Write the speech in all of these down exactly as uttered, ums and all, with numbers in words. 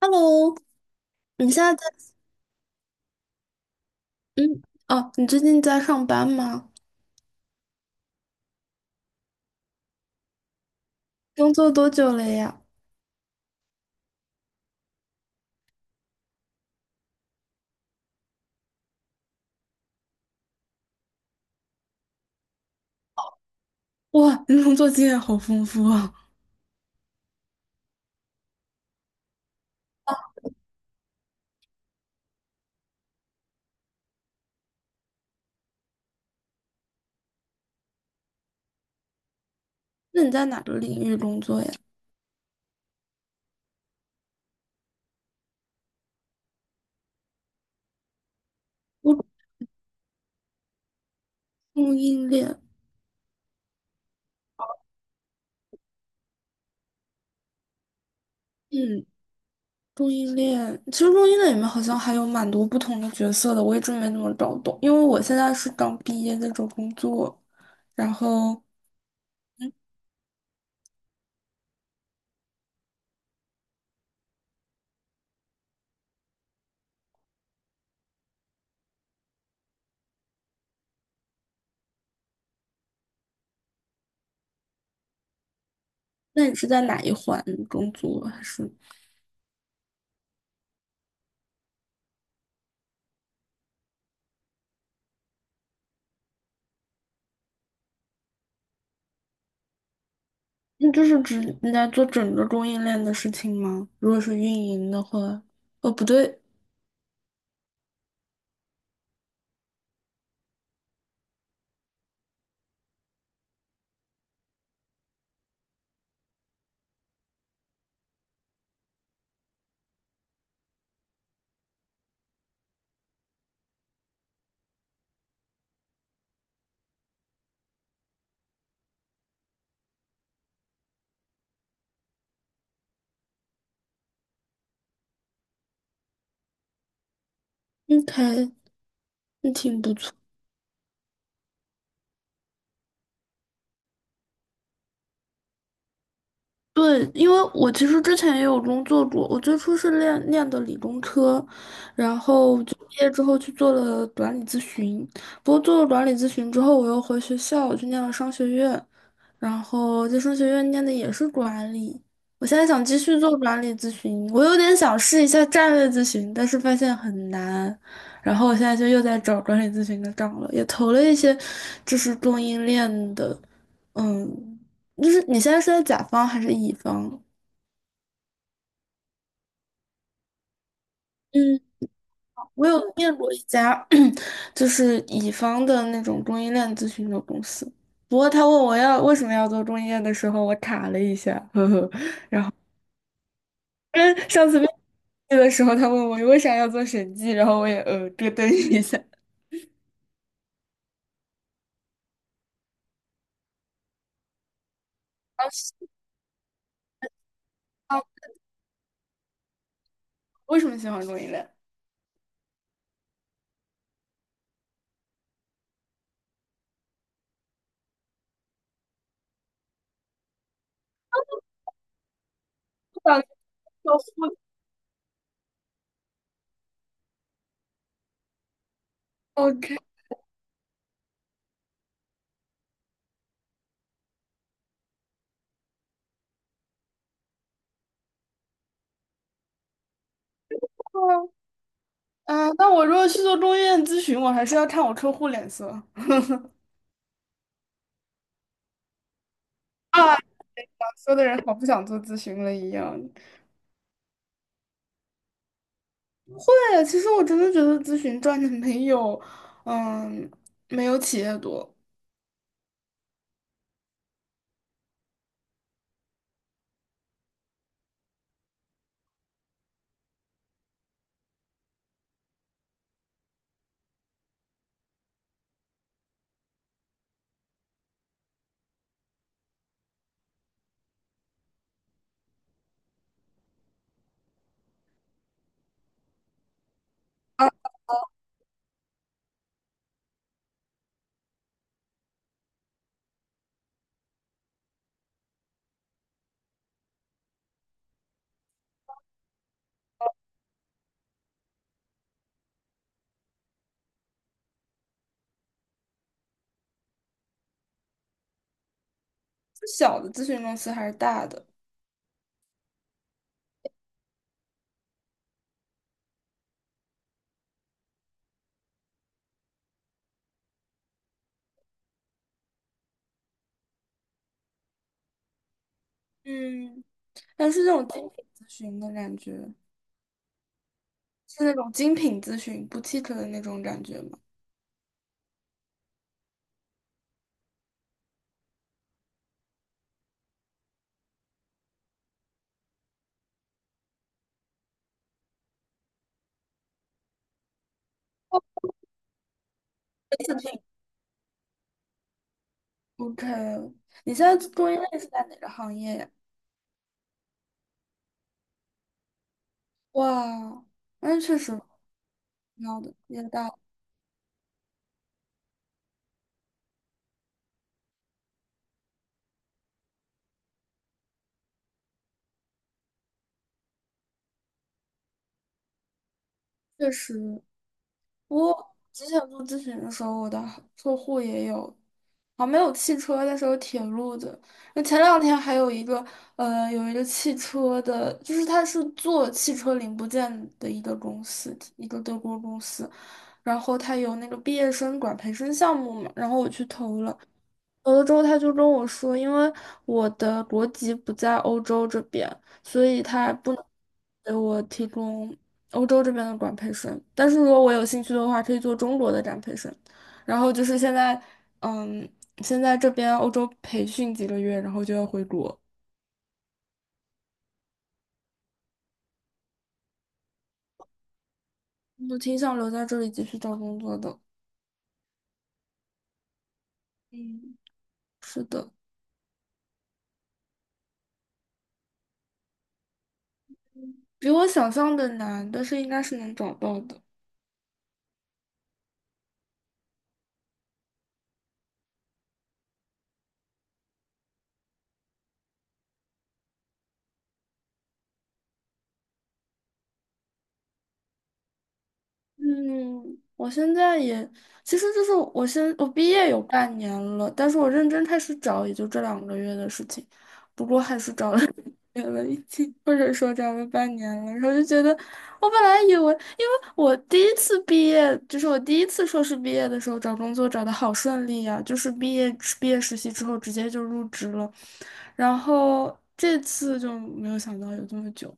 Hello，你现在在。嗯。哦，你最近在上班吗？工作多久了呀？哇，你工作经验好丰富啊！那你在哪个领域工作呀？我供应链。嗯，供应链，其实供应链里面好像还有蛮多不同的角色的，我一直没怎么搞懂，因为我现在是刚毕业在找工作，然后，嗯，那你是在哪一环工作啊？还是那就是指你在做整个供应链的事情吗？如果是运营的话。哦，不对。嗯。还那挺不错。对，因为我其实之前也有工作过，我最初是练练的理工科，然后就毕业之后去做了管理咨询。不过做了管理咨询之后，我又回学校，去念了商学院，然后在商学院念的也是管理。我现在想继续做管理咨询，我有点想试一下战略咨询，但是发现很难。然后我现在就又在找管理咨询的岗了，也投了一些就是供应链的。嗯，就是你现在是在甲方还是乙方？嗯，我有面过一家 就是乙方的那种供应链咨询的公司，不过他问我要为什么要做供应链的时候，我卡了一下，呵呵，因上次面试的时候他问我为啥要做审计，然后我也呃咯噔一下。啊，为什么喜欢供应链？我想做互。 OK。 啊，那我如果去做供应链咨询，我还是要看我客户脸色啊。说的人好不想做咨询了一样。对，其实我真的觉得咨询赚的没有，嗯，没有企业多。小的咨询公司还是大的？嗯，但是那种精品咨询的感觉，是那种精品咨询不 o u t i q 的那种感觉吗？次品？OK，你现在做链是在哪个行业呀？哇，那确实挺好的，也大。确实。我之前做咨询的时候，我的客户也有，啊，没有汽车，但是有铁路的。那前两天还有一个，呃，有一个汽车的，就是他是做汽车零部件的一个公司，一个德国公司。然后他有那个毕业生管培生项目嘛，然后我去投了。有了之后，他就跟我说，因为我的国籍不在欧洲这边，所以他不能给我提供欧洲这边的管培生。但是如果我有兴趣的话，可以做中国的展培生。然后就是现在，嗯，现在这边欧洲培训几个月，然后就要回国。我挺想留在这里继续找工作的。嗯，是的。比我想象的难，但是应该是能找到的。嗯，我现在也，其实就是我现我毕业有半年了，但是我认真开始找也就这两个月的事情，不过还是找了 两个月了已经，或者说找了半年了，然后就觉得我本来以为，因为我第一次毕业，就是我第一次硕士毕业的时候找工作找的好顺利呀、就是毕业毕业实习之后直接就入职了，然后这次就没有想到有这么久。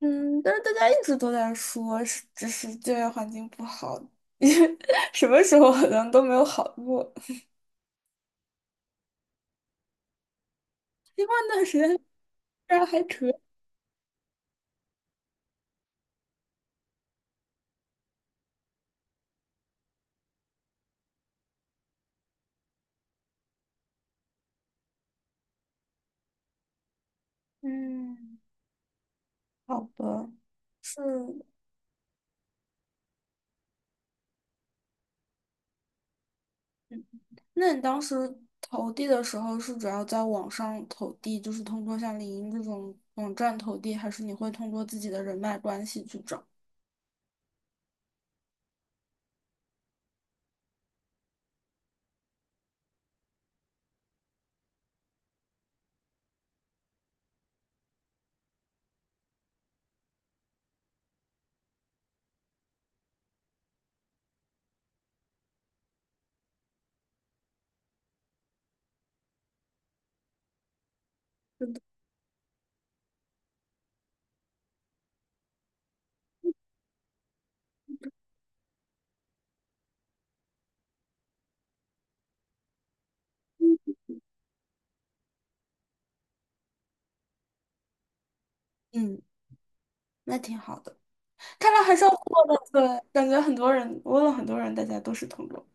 嗯，但是大家一直都在说，是只是就业环境不好，因为什么时候好像都没有好过。因为那段时间这儿还可以。嗯，好吧，是。嗯那你当时投递的时候是主要在网上投递，就是通过像领英这种网站投递，还是你会通过自己的人脉关系去找？嗯，那挺好的。看来还是要过的，对，感觉很多人，我问了很多人，大家都是通过。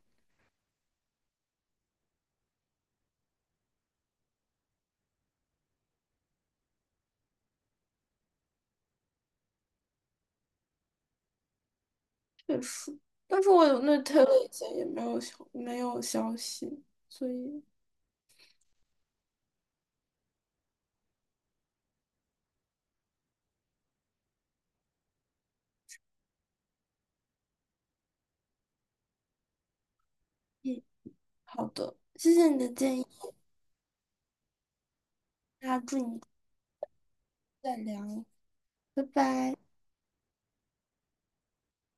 也是，但是我有那 t 了，l 以前也没有消没有消息，所以。嗯，好的，谢谢你的建议，那祝你再聊，拜拜。